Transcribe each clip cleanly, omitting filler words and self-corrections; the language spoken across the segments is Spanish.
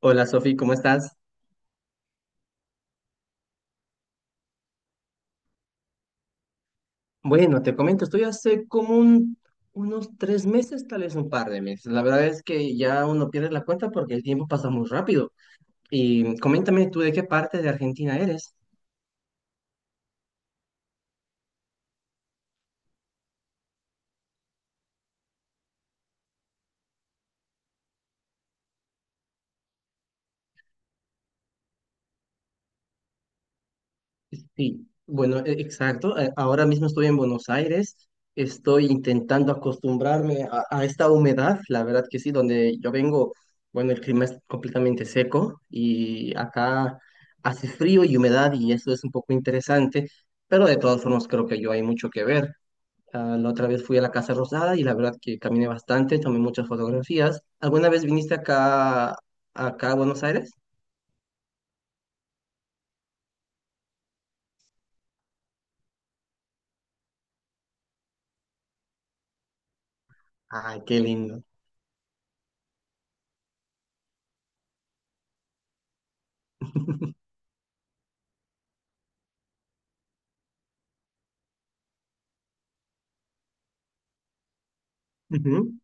Hola Sofi, ¿cómo estás? Bueno, te comento, estoy hace como unos 3 meses, tal vez un par de meses. La verdad es que ya uno pierde la cuenta porque el tiempo pasa muy rápido. Y coméntame tú de qué parte de Argentina eres. Sí, bueno, exacto. Ahora mismo estoy en Buenos Aires. Estoy intentando acostumbrarme a esta humedad. La verdad que sí, donde yo vengo, bueno, el clima es completamente seco y acá hace frío y humedad y eso es un poco interesante, pero de todas formas creo que yo hay mucho que ver. Ah, la otra vez fui a la Casa Rosada y la verdad que caminé bastante, tomé muchas fotografías. ¿Alguna vez viniste acá a Buenos Aires? Ay, qué lindo. Ujú.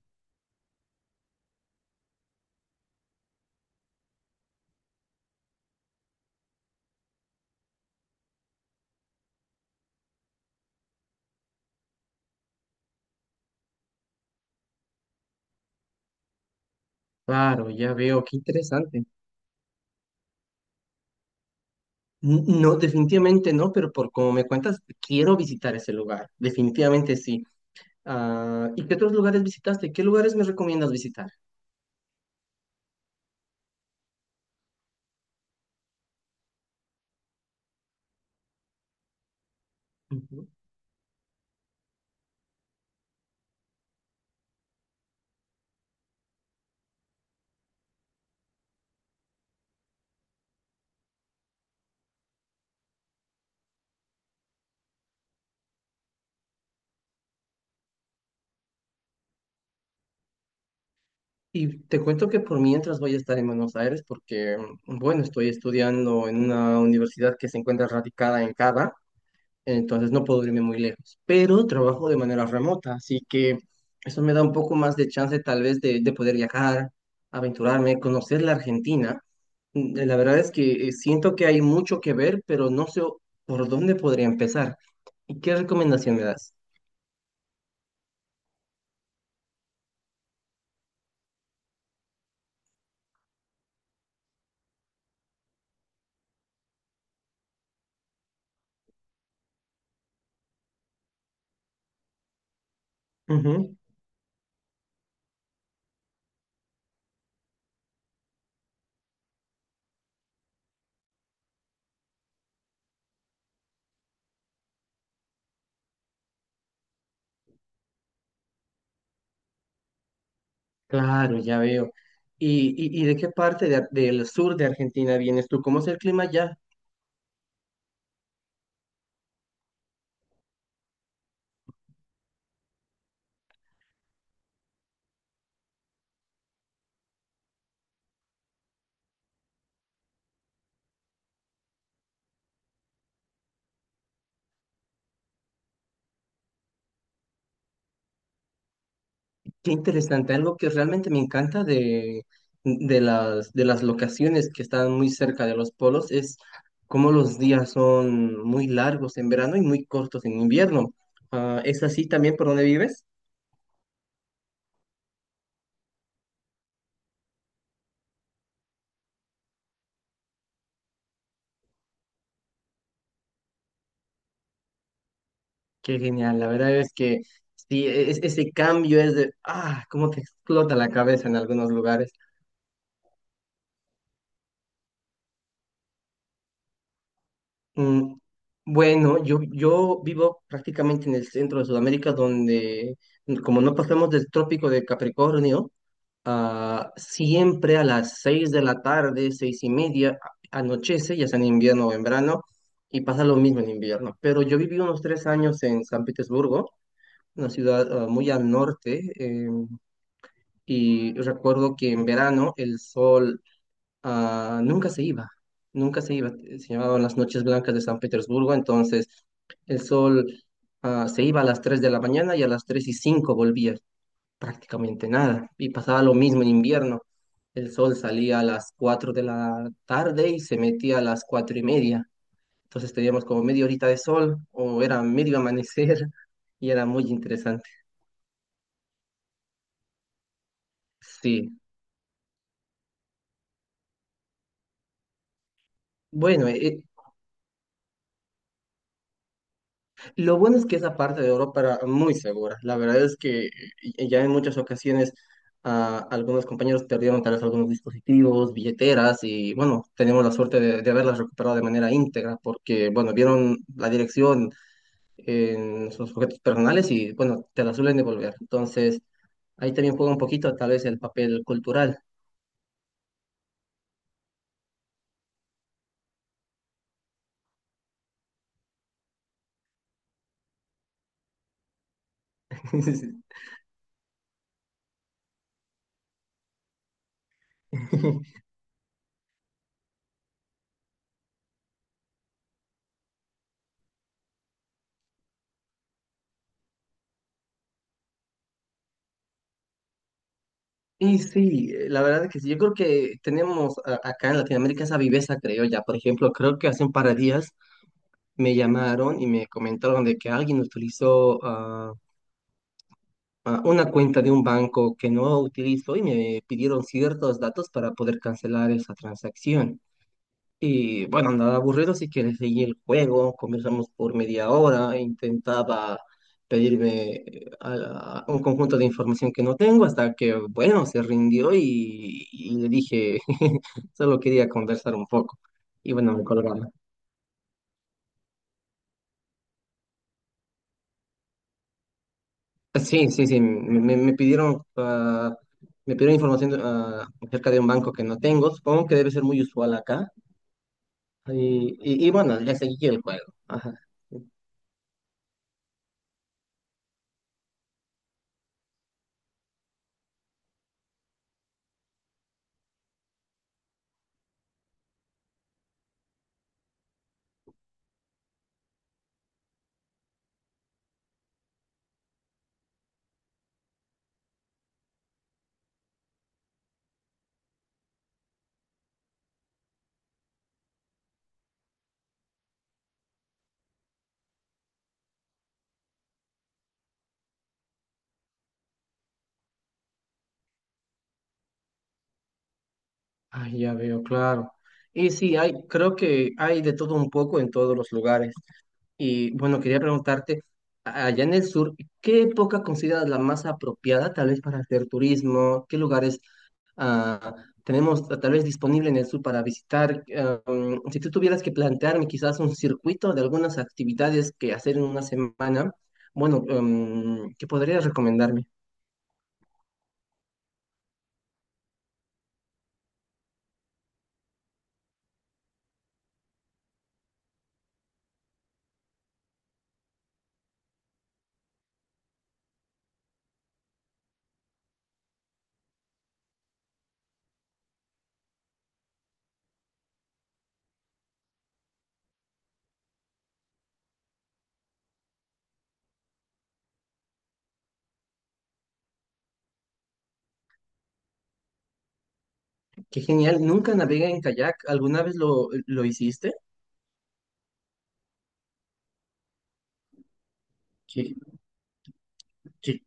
Claro, ya veo, qué interesante. No, definitivamente no, pero por como me cuentas, quiero visitar ese lugar. Definitivamente sí. Ah, ¿y qué otros lugares visitaste? ¿Qué lugares me recomiendas visitar? Ujú. Y te cuento que por mientras voy a estar en Buenos Aires porque, bueno, estoy estudiando en una universidad que se encuentra radicada en Cava. Entonces no puedo irme muy lejos, pero trabajo de manera remota, así que eso me da un poco más de chance tal vez de poder viajar, aventurarme, conocer la Argentina. La verdad es que siento que hay mucho que ver, pero no sé por dónde podría empezar. ¿Y qué recomendación me das? Ujú. Claro, ya veo. ¿Y, y de qué parte de del sur de Argentina vienes tú? ¿Cómo es el clima allá? Qué interesante, algo que realmente me encanta de las locaciones que están muy cerca de los polos es cómo los días son muy largos en verano y muy cortos en invierno. Ah, ¿es así también por donde vives? Qué genial, la verdad es que sí, ese cambio es de, cómo te explota la cabeza en algunos lugares. Mm, bueno, yo vivo prácticamente en el centro de Sudamérica donde como no pasamos del trópico de Capricornio. Ah, siempre a las 6 de la tarde, 6:30, anochece, ya sea en invierno o en verano, y pasa lo mismo en invierno. Pero yo viví unos 3 años en San Petersburgo, una ciudad muy al norte, y recuerdo que en verano el sol nunca se iba, nunca se iba. Se llamaban las noches blancas de San Petersburgo, entonces el sol se iba a las 3 de la mañana y a las 3:05 volvía, prácticamente nada. Y pasaba lo mismo en invierno. El sol salía a las 4 de la tarde y se metía a las 4:30. Entonces teníamos como media horita de sol o era medio amanecer y era muy interesante. Sí. Bueno, lo bueno es que esa parte de Europa era muy segura. La verdad es que ya en muchas ocasiones algunos compañeros perdieron tal vez algunos dispositivos, billeteras y bueno, tenemos la suerte de haberlas recuperado de manera íntegra porque bueno, vieron la dirección en sus objetos personales y, bueno, te la suelen devolver. Entonces, ahí también juega un poquito tal vez el papel cultural. Y sí, la verdad que sí, yo creo que tenemos acá en Latinoamérica esa viveza criolla. Por ejemplo, creo que hace un par de días me llamaron y me comentaron de que alguien utilizó una cuenta de un banco que no utilizo y me pidieron ciertos datos para poder cancelar esa transacción. Y bueno, andaba aburrido, así que le seguí el juego, conversamos por media hora, e intentaba pedirme a un conjunto de información que no tengo, hasta que, bueno, se rindió y le dije, solo quería conversar un poco. Y bueno, me colgaron. Sí, sí, sí, me pidieron, me pidieron información acerca de un banco que no tengo, supongo que debe ser muy usual acá. Y bueno, le seguí el juego. Ajá. Ah, ya veo, claro. Y sí, hay, creo que hay de todo un poco en todos los lugares. Y bueno, quería preguntarte, allá en el sur, ¿qué época consideras la más apropiada tal vez para hacer turismo? ¿Qué lugares ah, tenemos, tal vez disponible en el sur para visitar? Ah, si tú tuvieras que plantearme quizás un circuito de algunas actividades que hacer en una semana, bueno, ¿qué podrías recomendarme? Qué genial, nunca navegué en kayak, ¿alguna vez lo hiciste? Qué- qué-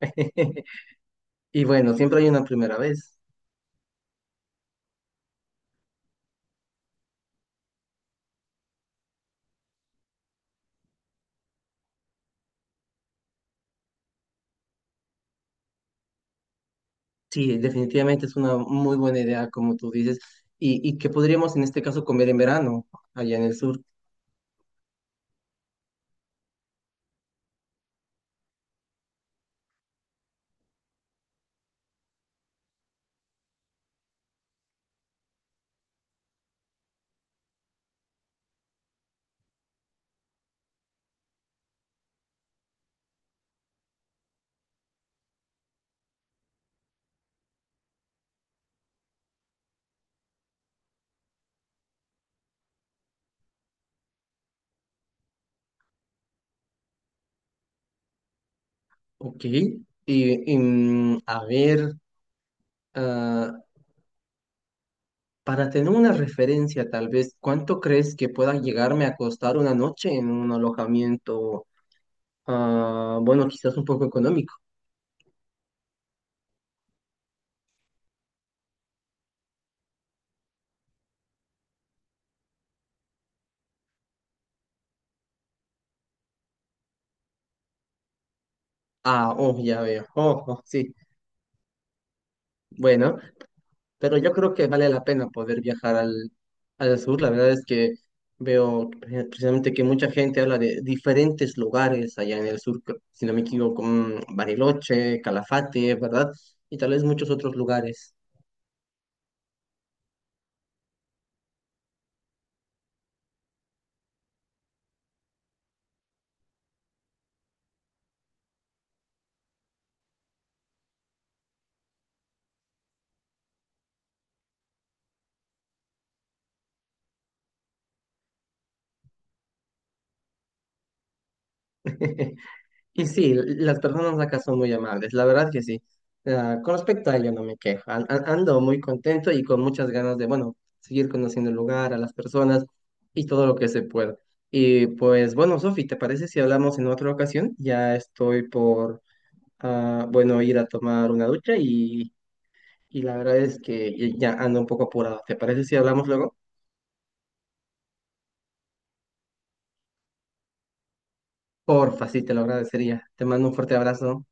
Y bueno, siempre hay una primera vez. Sí, definitivamente es una muy buena idea, como tú dices. ¿Y qué podríamos en este caso comer en verano, allá en el sur? Ok. Y, a ver, ah, para tener una referencia, tal vez, ¿cuánto crees que pueda llegarme a costar una noche en un alojamiento, bueno, quizás un poco económico? Ah, oh, ya veo. Oh, oh, sí. Bueno, pero yo creo que vale la pena poder viajar al sur. La verdad es que veo precisamente que mucha gente habla de diferentes lugares allá en el sur, si no me equivoco, Bariloche, Calafate, ¿verdad? Y tal vez muchos otros lugares. Y sí, las personas acá son muy amables, la verdad que sí. Ah, con respecto a ello, no me quejo. Ando muy contento y con muchas ganas de, bueno, seguir conociendo el lugar, a las personas y todo lo que se pueda. Y pues, bueno, Sofi, ¿te parece si hablamos en otra ocasión? Ya estoy por, bueno, ir a tomar una ducha y la verdad es que ya ando un poco apurado. ¿Te parece si hablamos luego? Porfa, sí, te lo agradecería. Te mando un fuerte abrazo.